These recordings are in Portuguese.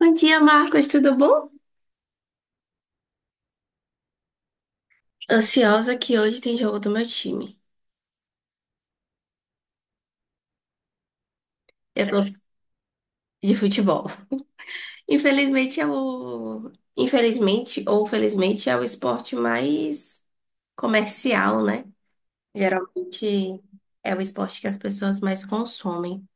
Bom dia, Marcos, tudo bom? Ansiosa que hoje tem jogo do meu time. Eu tô de futebol. Infelizmente é infelizmente ou felizmente é o esporte mais comercial, né? Geralmente é o esporte que as pessoas mais consomem.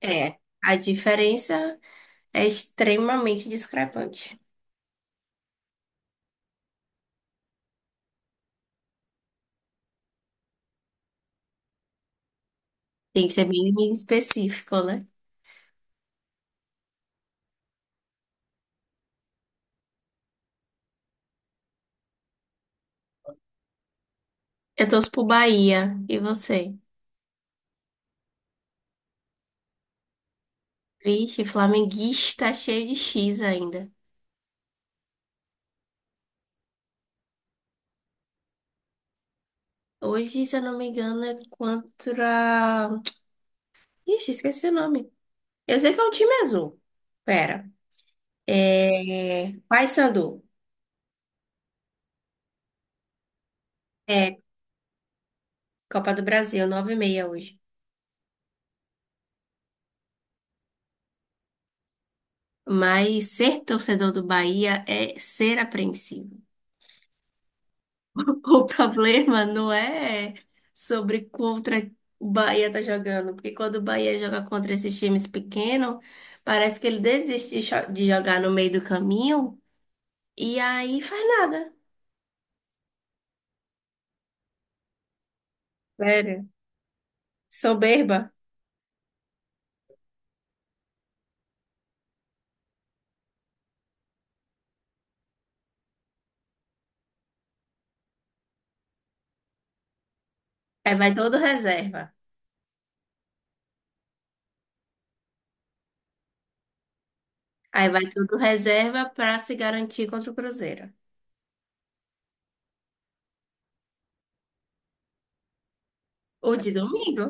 É. A diferença é extremamente discrepante. Tem que ser bem específico, né? Eu torço pro Bahia. E você? Vixe, flamenguista cheio de X ainda. Hoje, se eu não me engano, é contra. Ixi, esqueci o nome. Eu sei que é um time azul. Pera. É. Paysandu. É Copa do Brasil, 9h30 hoje. Mas ser torcedor do Bahia é ser apreensivo. O problema não é sobre contra o Bahia tá jogando, porque quando o Bahia joga contra esses times pequenos, parece que ele desiste de jogar no meio do caminho e aí faz nada. Sério. Soberba. Aí vai todo reserva. Aí vai todo reserva para se garantir contra o Cruzeiro. O de domingo.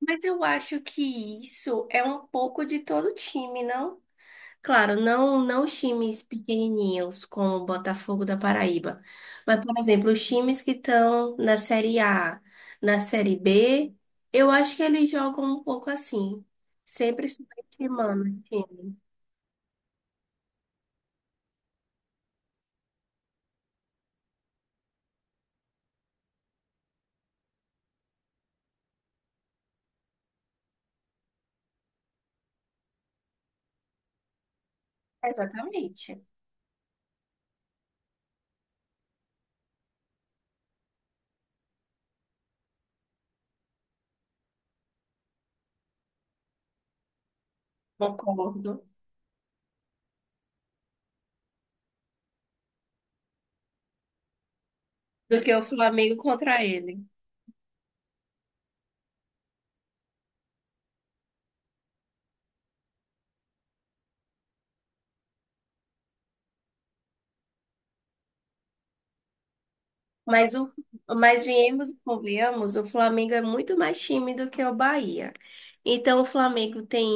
Mas eu acho que isso é um pouco de todo time, não? Claro, não, não os times pequenininhos como o Botafogo da Paraíba, mas, por exemplo, os times que estão na Série A, na Série B, eu acho que eles jogam um pouco assim, sempre subestimando o time. Exatamente, concordo. Do que o Flamengo contra ele. Mas, o, mas viemos e convenhamos, o Flamengo é muito mais time do que o Bahia. Então, o Flamengo tem,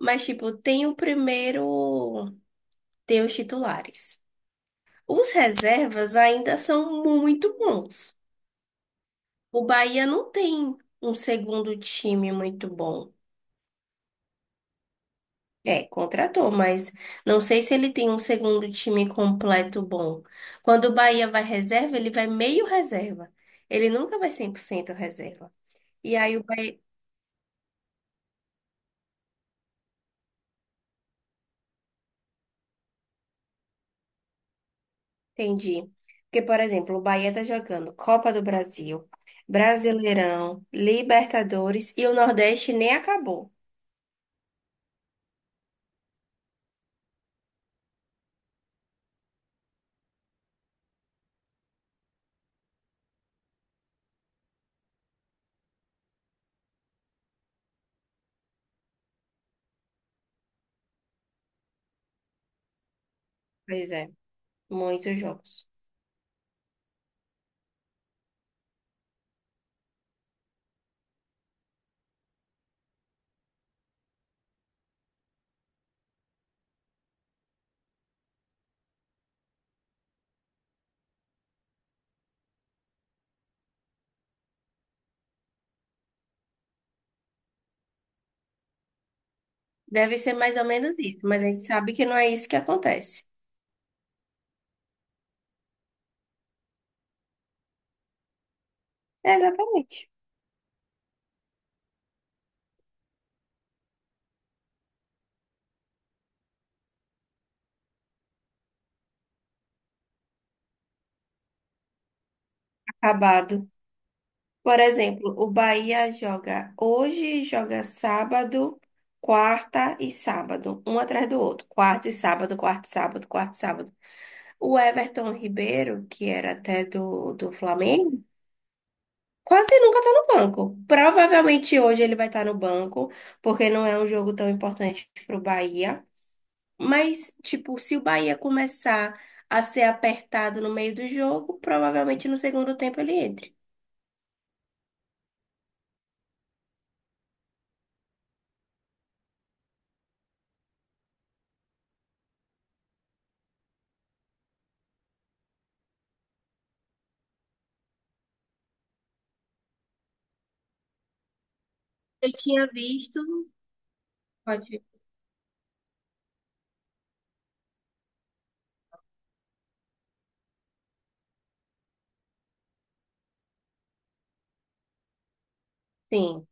mas tipo, tem o primeiro, tem os titulares. Os reservas ainda são muito bons. O Bahia não tem um segundo time muito bom. É, contratou, mas não sei se ele tem um segundo time completo bom. Quando o Bahia vai reserva, ele vai meio reserva. Ele nunca vai 100% reserva. E aí o Bahia. Entendi. Porque, por exemplo, o Bahia tá jogando Copa do Brasil, Brasileirão, Libertadores e o Nordeste nem acabou. Pois é, muitos jogos. Deve ser mais ou menos isso, mas a gente sabe que não é isso que acontece. É exatamente. Acabado. Por exemplo, o Bahia joga hoje, joga sábado, quarta e sábado, um atrás do outro. Quarta e sábado, quarta e sábado, quarta e sábado. O Everton Ribeiro, que era até do Flamengo, quase nunca tá no banco. Provavelmente hoje ele vai estar no banco, porque não é um jogo tão importante pro Bahia. Mas, tipo, se o Bahia começar a ser apertado no meio do jogo, provavelmente no segundo tempo ele entre. Eu tinha visto. Pode. Sim,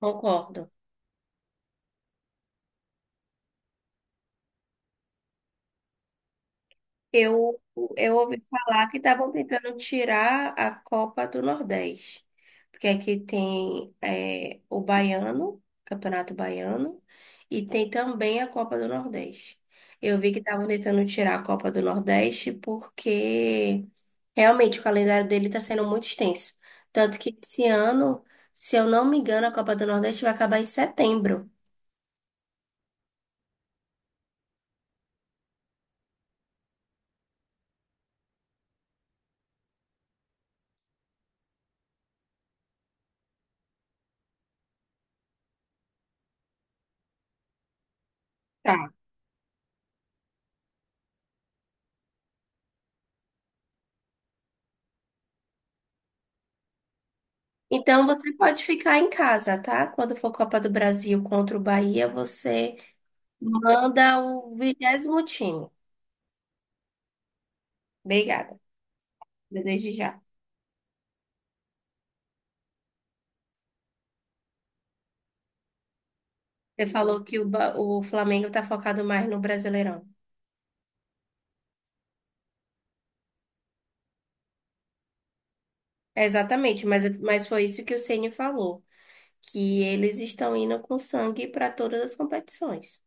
concordo. Eu, eu ouvi falar que estavam tentando tirar a Copa do Nordeste, porque aqui tem é, o Baiano, Campeonato Baiano, e tem também a Copa do Nordeste. Eu vi que estavam tentando tirar a Copa do Nordeste porque realmente o calendário dele está sendo muito extenso. Tanto que esse ano, se eu não me engano, a Copa do Nordeste vai acabar em setembro. Tá. Então você pode ficar em casa, tá? Quando for Copa do Brasil contra o Bahia, você manda o vigésimo time. Obrigada, desde já. Você falou que o Flamengo tá focado mais no Brasileirão. É, exatamente, mas foi isso que o Ceni falou, que eles estão indo com sangue para todas as competições.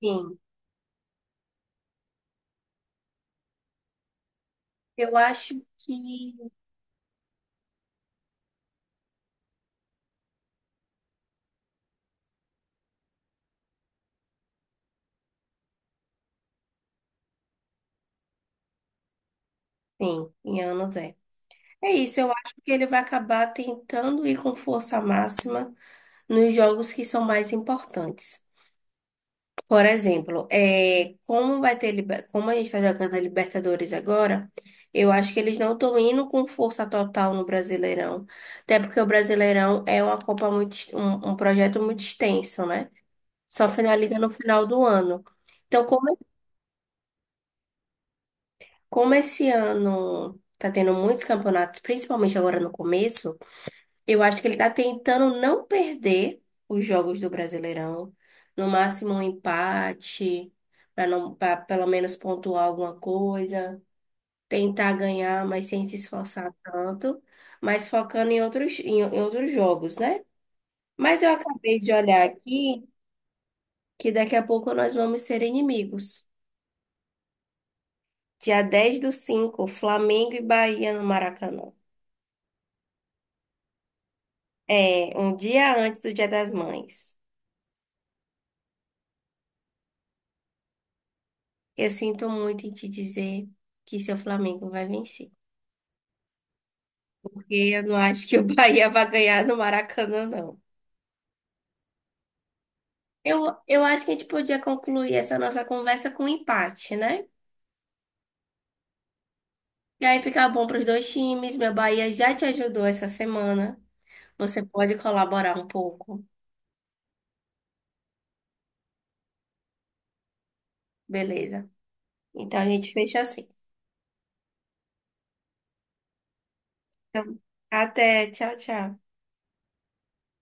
Sim, eu acho que sim, em anos é. É isso, eu acho que ele vai acabar tentando ir com força máxima nos jogos que são mais importantes. Por exemplo, é, como vai como a gente está jogando a Libertadores agora, eu acho que eles não estão indo com força total no Brasileirão. Até porque o Brasileirão é uma Copa muito, um, um projeto muito extenso, né? Só finaliza no final do ano. Então, como, como esse ano está tendo muitos campeonatos, principalmente agora no começo. Eu acho que ele está tentando não perder os jogos do Brasileirão. No máximo um empate, para não, para pelo menos pontuar alguma coisa, tentar ganhar, mas sem se esforçar tanto, mas focando em outros, em outros jogos, né? Mas eu acabei de olhar aqui que daqui a pouco nós vamos ser inimigos. Dia 10 do 5, Flamengo e Bahia no Maracanã. É, um dia antes do Dia das Mães. Eu sinto muito em te dizer que seu Flamengo vai vencer. Porque eu não acho que o Bahia vai ganhar no Maracanã, não. Eu acho que a gente podia concluir essa nossa conversa com um empate, né? E aí fica bom para os dois times. Meu Bahia já te ajudou essa semana. Você pode colaborar um pouco. Beleza. Então a gente fecha assim. Então, até. Tchau, tchau.